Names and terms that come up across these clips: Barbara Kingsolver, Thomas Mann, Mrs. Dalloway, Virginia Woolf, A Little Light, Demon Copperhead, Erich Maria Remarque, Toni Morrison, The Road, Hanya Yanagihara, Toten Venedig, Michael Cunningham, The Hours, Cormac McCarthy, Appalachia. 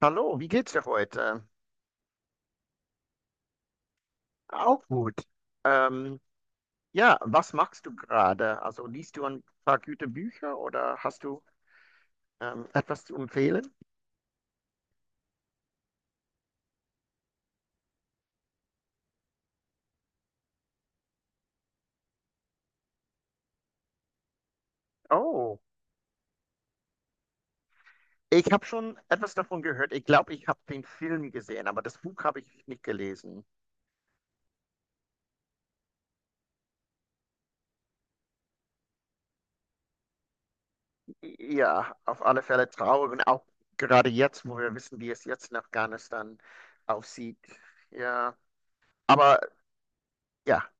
Hallo, wie geht's dir heute? Auch gut. Ähm, ja, was machst du gerade? Also liest du ein paar gute Bücher oder hast du etwas zu empfehlen? Oh, ich habe schon etwas davon gehört. Ich glaube, ich habe den Film gesehen, aber das Buch habe ich nicht gelesen. Ja, auf alle Fälle traurig und auch gerade jetzt, wo wir wissen, wie es jetzt in Afghanistan aussieht. Ja, aber ja,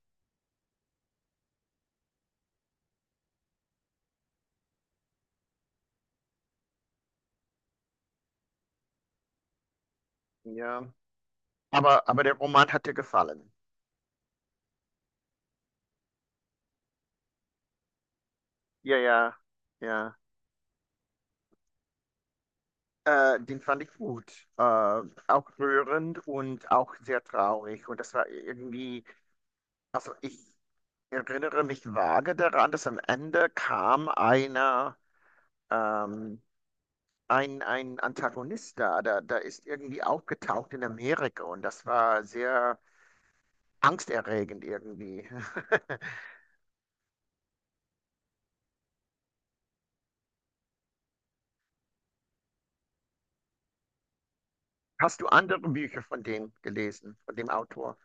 ja, aber der Roman hat dir gefallen. Ja, ja, ja. Den fand ich gut. Äh, Auch rührend und auch sehr traurig. Und das war irgendwie, also ich erinnere mich vage daran, dass am Ende kam einer, ähm, ein, Antagonist da ist irgendwie aufgetaucht in Amerika und das war sehr angsterregend irgendwie. Hast du andere Bücher von dem gelesen, von dem Autor?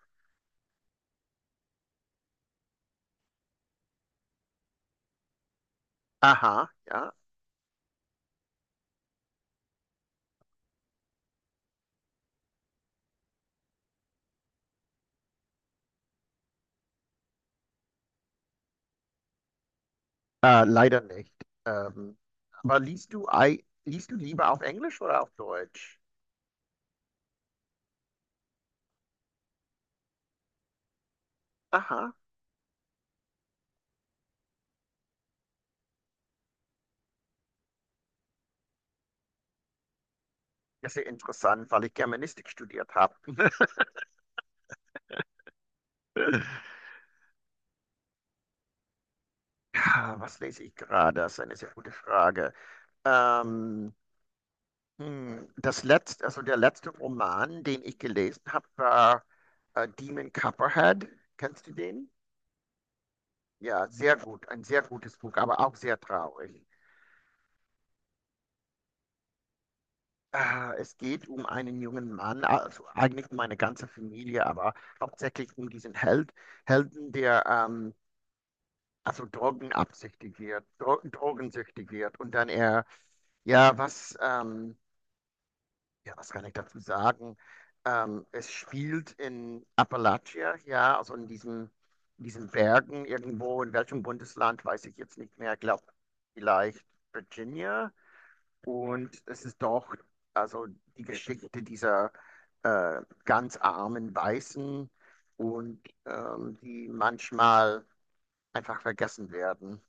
Aha, ja. Leider nicht. Ähm, aber liest du, liest du lieber auf Englisch oder auf Deutsch? Aha, das ist ja interessant, weil ich Germanistik studiert habe. Ja, was lese ich gerade? Das ist eine sehr gute Frage. Ähm, Das letzte, also der letzte Roman, den ich gelesen habe, war Demon Copperhead. Kennst du den? Ja, sehr gut, ein sehr gutes Buch, aber auch sehr traurig. Es geht um einen jungen Mann, also eigentlich um eine ganze Familie, aber hauptsächlich um diesen Held, Helden, der also drogenabsichtig wird, drogensüchtig wird. Und dann er, ja, ja, was kann ich dazu sagen? Es spielt in Appalachia, ja, also in diesen Bergen irgendwo, in welchem Bundesland, weiß ich jetzt nicht mehr, glaube vielleicht Virginia, und es ist doch, also die Geschichte dieser ganz armen Weißen und die manchmal einfach vergessen werden.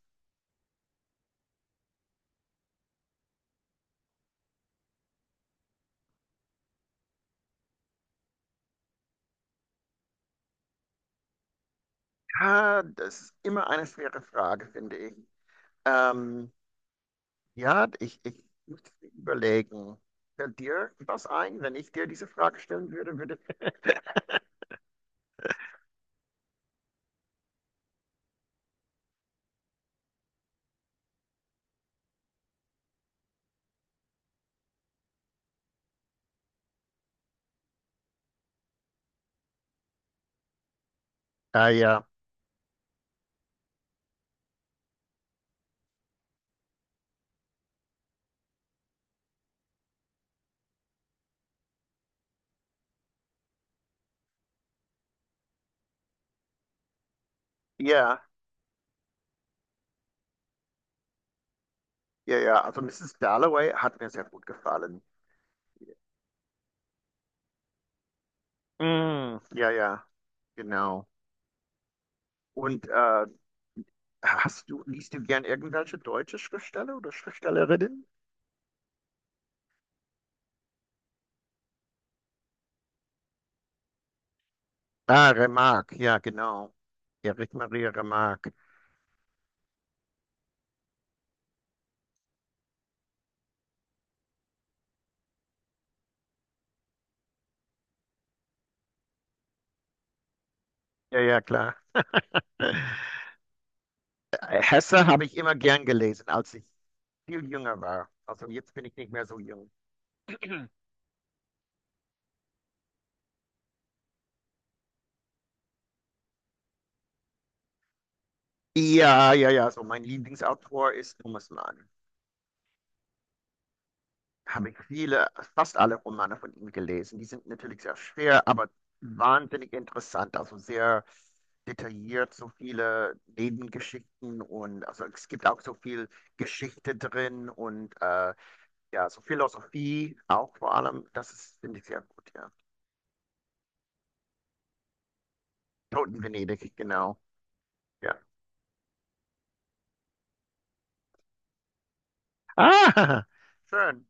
Ja, das ist immer eine schwere Frage, finde ich. Ähm, ja, ich muss überlegen. Fällt dir was ein, wenn ich dir diese Frage stellen würde? Ah, ja. Ja, ja, ja. Also Mrs. Dalloway hat mir sehr gut gefallen. Mm, ja, ja, genau. Und hast du, liest du gern irgendwelche deutsche Schriftsteller oder Schriftstellerinnen? Ah, Remarque, ja, genau. Erich Maria Remarque. Ja, ja, klar. Hesse habe ich immer gern gelesen, als ich viel jünger war. Also jetzt bin ich nicht mehr so jung. Ja, ja, ja, so mein Lieblingsautor ist Thomas Mann. Habe ich viele, fast alle Romane von ihm gelesen. Die sind natürlich sehr schwer, aber wahnsinnig interessant, also sehr detailliert, so viele Nebengeschichten und also es gibt auch so viel Geschichte drin und ja, so Philosophie auch vor allem. Das ist, finde ich, sehr gut, ja. Toten Venedig, genau. Ja. Ah, schön.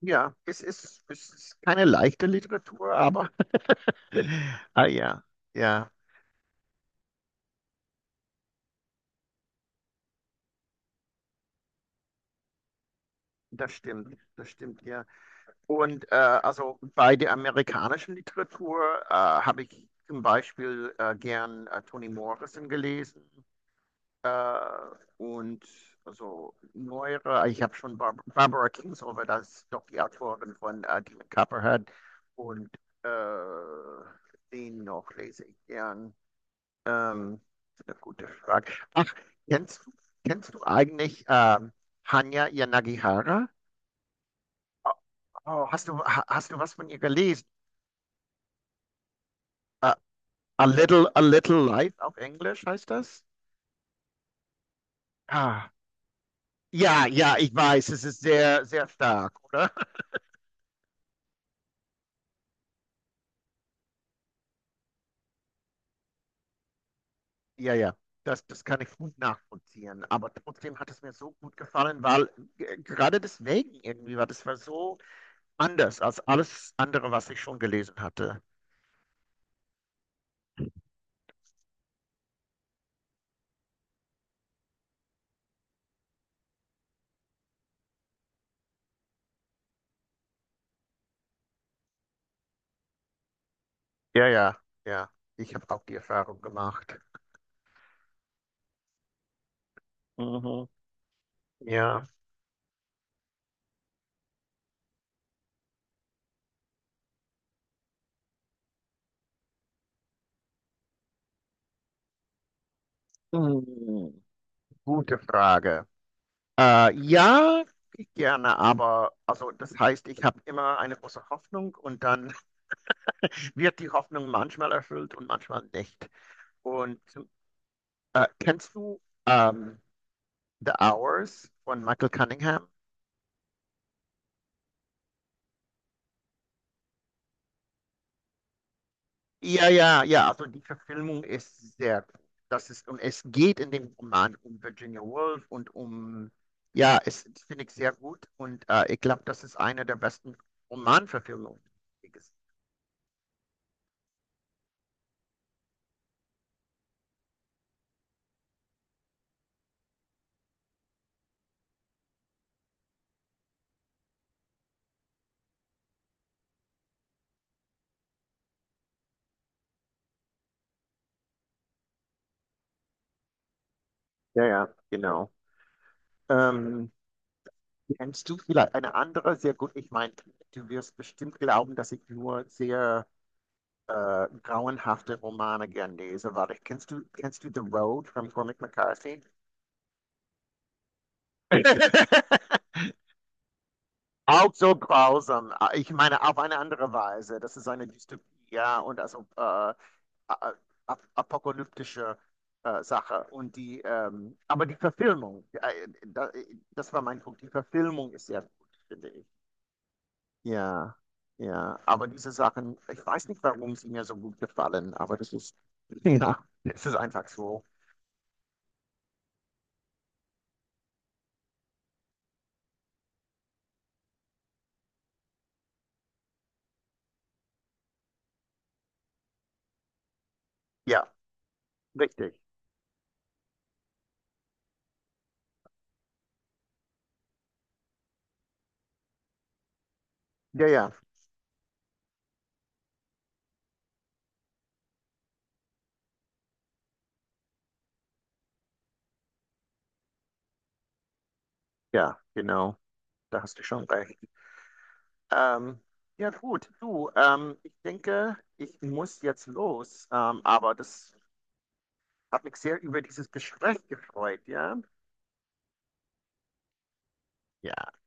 Ja, es ist keine leichte Literatur, aber ah ja, ja, das stimmt, ja. Und also bei der amerikanischen Literatur habe ich zum Beispiel gern Toni Morrison gelesen, äh, und also neuere, ich habe schon Barbara Kingsolver, das ist doch die Autorin von Demon Copperhead, und äh, den noch lese ich gern. Ähm, eine gute Frage. Ach, kennst du, kennst du eigentlich Hanya Yanagihara? Oh, hast du, hast du was von ihr gelesen? Äh, A Little Light auf Englisch heißt das? Ah, ja, ja, ich weiß, es ist sehr, sehr stark, oder? Ja, ja, das, das kann ich gut nachvollziehen. Aber trotzdem hat es mir so gut gefallen, weil gerade deswegen irgendwie war das, war so anders als alles andere, was ich schon gelesen hatte. Ja, ja, ja, ich habe auch die Erfahrung gemacht. Mhm. Ja. Mhm. Gute Frage. Ja, gerne, aber also das heißt, ich habe immer eine große Hoffnung und dann wird die Hoffnung manchmal erfüllt und manchmal nicht. Und kennst du The Hours von Michael Cunningham? Ja, ja, ja, also die Verfilmung ist sehr gut. Das ist, und es geht in dem Roman um Virginia Woolf und um, ja, es, das finde ich sehr gut, und ich glaube, das ist eine der besten Romanverfilmungen, die ich gesehen habe. Ja, ja, genau. Ähm, Kennst du vielleicht eine andere? Sehr gut. Ich meine, du wirst bestimmt glauben, dass ich nur sehr grauenhafte Romane gern lese. Warte, kennst du The Road von Cormac McCarthy? Auch so grausam. Ah, ich meine, auf eine andere Weise. Das ist eine Dystopie, ja, und also apokalyptische Sache. Und die, aber die Verfilmung, das war mein Punkt. Die Verfilmung ist sehr gut, finde ich. Ja, ja, aber diese Sachen, ich weiß nicht, warum sie mir so gut gefallen, aber das ist, ja, es ist einfach so. Ja, richtig. Ja, ja, ja, genau. Da hast du schon recht. Ähm, ja, gut, du, ich denke, ich muss jetzt los, aber das hat mich sehr über dieses Gespräch gefreut, ja? Ja.